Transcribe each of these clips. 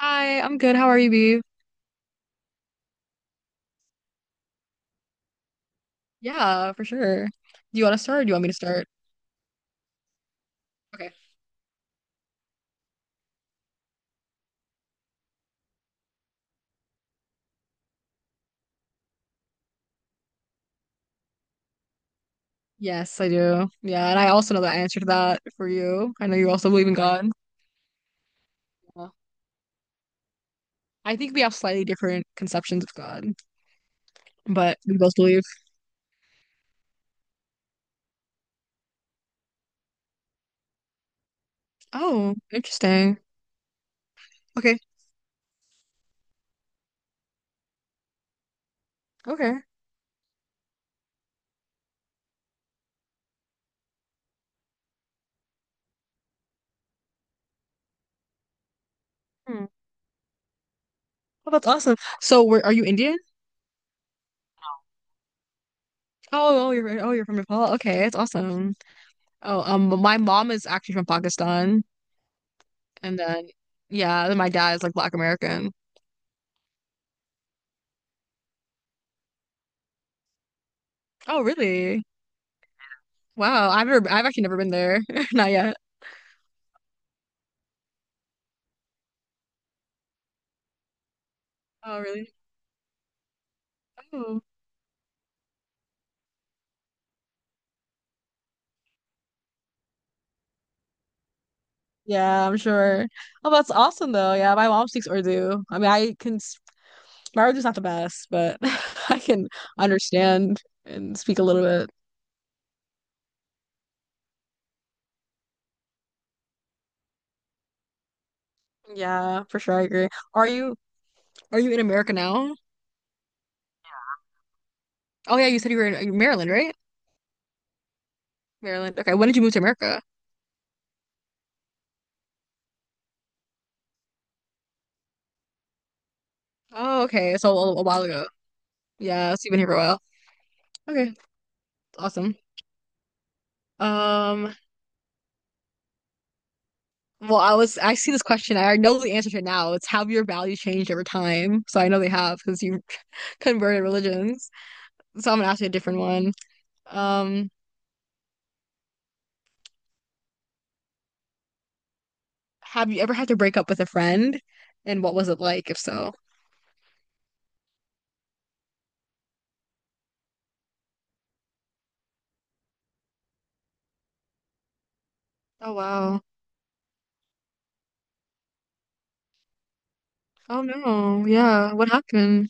Hi, I'm good. How are you, Bee? Yeah, for sure. Do you want to start or do you want me to start? Okay. Yes, I do. Yeah, and I also know the answer to that for you. I know you also believe in God. Yeah. I think we have slightly different conceptions of God, but we both believe. Oh, interesting. Okay. Okay. Hmm. Oh, that's awesome. So, where are you Indian? Oh, oh, you're from Nepal. Okay, that's awesome. Oh, my mom is actually from Pakistan, and then yeah, then my dad is like Black American. Oh, really? Wow, I've actually never been there. Not yet. Oh, really? Oh. Yeah, I'm sure. Oh, that's awesome though. Yeah, my mom speaks Urdu. I mean, I can, my Urdu's not the best, but I can understand and speak a little bit. Yeah, for sure. I agree. Are you, are you in America now? Oh yeah, you said you were in Maryland, right? Maryland. Okay, when did you move to America? Oh, okay. So a while ago. Yeah, so you've been here for a while. Okay, awesome. Um, Well, I see this question. I know the answer to it now. It's have your values changed over time? So I know they have because you converted religions. So I'm gonna ask you a different one. Um, have you ever had to break up with a friend, and what was it like, if so? Oh wow. Oh no. Yeah. What happened?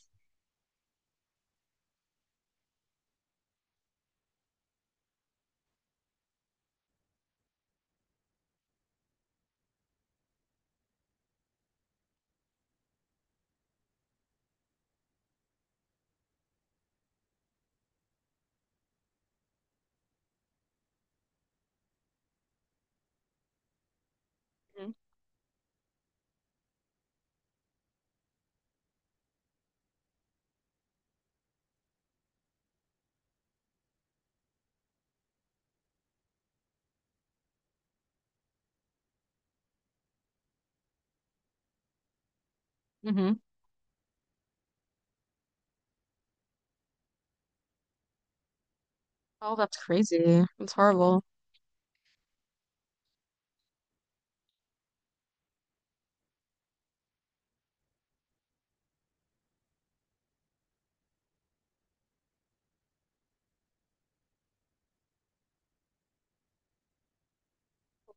Mm-hmm. Oh, that's crazy. That's horrible.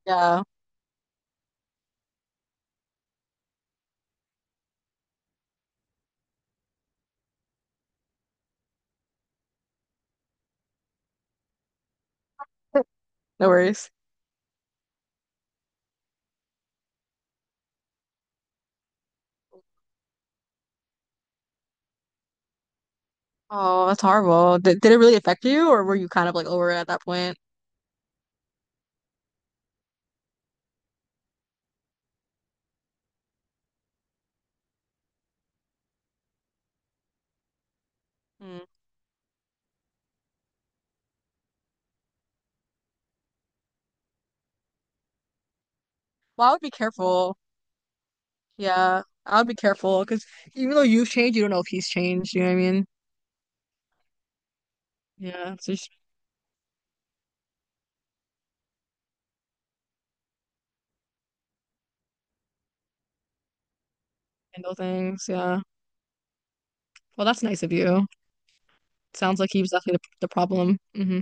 Yeah. No worries. Oh, that's horrible. Did it really affect you, or were you kind of like over it at that point? Mm. Well, I would be careful. Yeah, I'll be careful because even though you've changed, you don't know if he's changed. You know what I mean? Yeah, so just handle things. Yeah. Well, that's nice of you. Sounds like he was definitely the problem. Mm-hmm.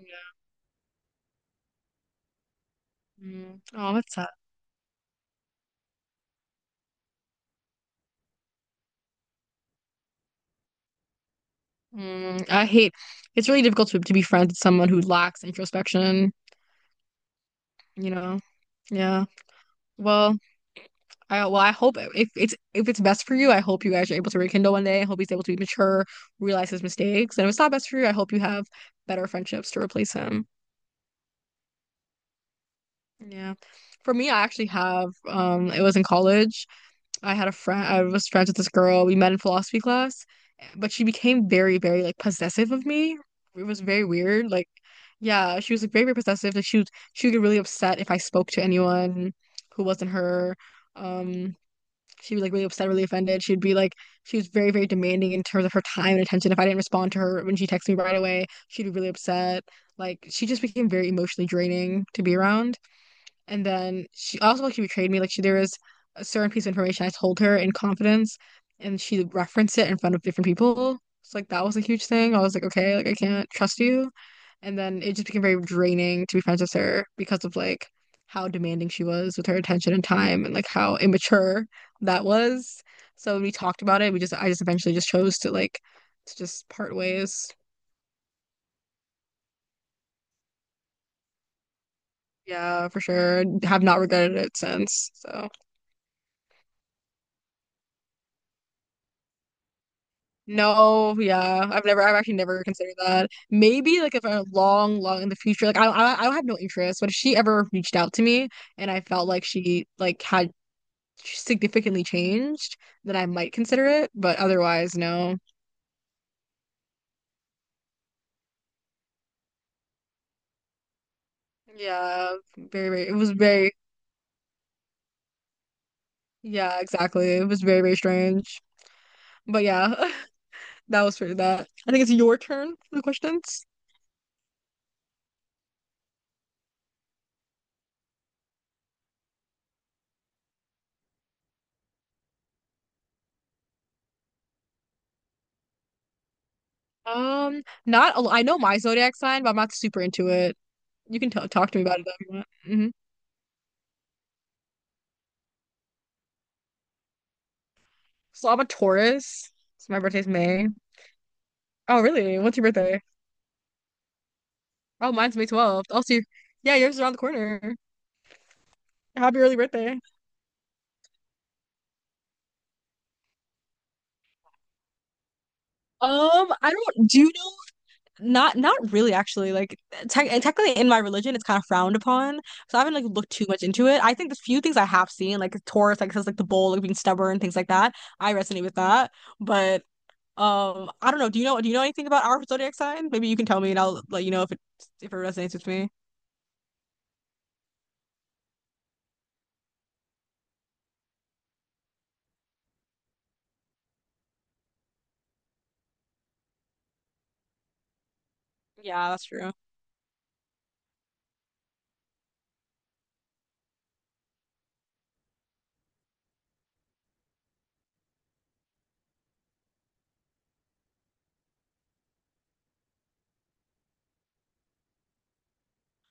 Yeah. Mm. Oh, that's sad. Mm. I hate. It's really difficult to be friends with someone who lacks introspection. You know? Yeah. Well, well, I hope if it's best for you, I hope you guys are able to rekindle one day. I hope he's able to be mature, realize his mistakes, and if it's not best for you, I hope you have better friendships to replace him. Yeah. For me, I actually have, it was in college. I had a friend, I was friends with this girl. We met in philosophy class, but she became very, very like possessive of me. It was very weird. Like, yeah, she was like, very, very possessive. Like she would get really upset if I spoke to anyone who wasn't her. Um, she was like really upset, really offended. She was very, very demanding in terms of her time and attention. If I didn't respond to her when she texted me right away, she'd be really upset. Like, she just became very emotionally draining to be around. And then she also like she betrayed me. Like she there was a certain piece of information I told her in confidence and she referenced it in front of different people. So like that was a huge thing. I was like, okay, like I can't trust you. And then it just became very draining to be friends with her because of like how demanding she was with her attention and time and like how immature that was. So when we talked about it, we just I just eventually just chose to like to just part ways. Yeah, for sure. Have not regretted it since. So no, yeah, I've actually never considered that. Maybe like if I'm long, long in the future, like I have no interest. But if she ever reached out to me and I felt like she like had significantly changed, then I might consider it. But otherwise, no. Yeah, very, very. It was very, yeah, exactly. It was very, very strange. But yeah, that was for that. I think it's your turn for the questions. Not. I know my zodiac sign, but I'm not super into it. You can t talk to me about it though if you want. Mm-hmm. So I'm a Taurus. So my birthday's May. Oh, really? What's your birthday? Oh, mine's May 12th. Oh, so you yeah, yours is around the corner. Happy early birthday. I don't do you know not not really actually. Like technically in my religion it's kind of frowned upon. So I haven't like looked too much into it. I think the few things I have seen, like Taurus, like says like the bull, like being stubborn, things like that. I resonate with that. But I don't know. Do you know anything about our zodiac sign? Maybe you can tell me and I'll let you know if it resonates with me. Yeah, that's true.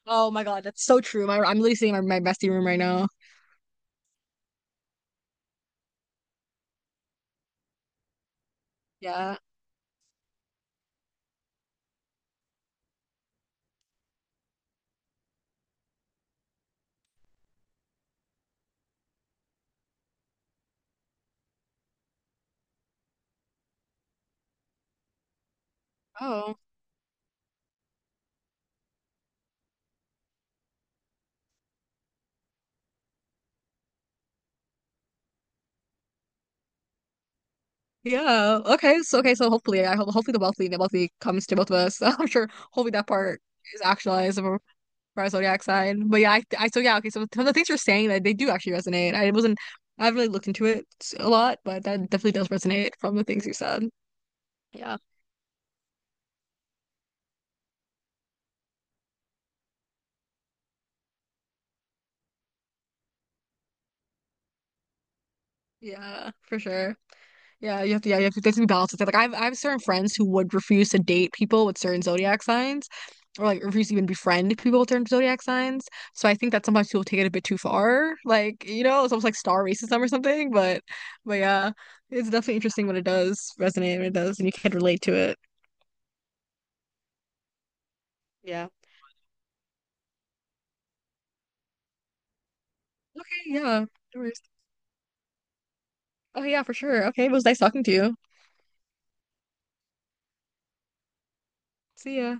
Oh my God, that's so true. I'm literally sitting in my messy room right now. Yeah. Oh. Yeah. Okay. So okay. So hopefully, I hope hopefully the wealthy comes to both of us. I'm sure. Hopefully that part is actualized for our zodiac sign. But yeah, I so yeah. Okay. So some of the things you're saying that they do actually resonate. I wasn't. I haven't really looked into it a lot, but that definitely does resonate from the things you said. Yeah. Yeah. For sure. Yeah, you have to. Yeah, you have to. There's to be balance with it. Like I have certain friends who would refuse to date people with certain zodiac signs, or like refuse to even befriend people with certain zodiac signs. So I think that sometimes people take it a bit too far. Like you know, it's almost like star racism or something. But yeah, it's definitely interesting when it does resonate when it does, and you can relate to it. Yeah. Okay, yeah. No worries. Oh yeah, for sure. Okay, it was nice talking to you. See ya.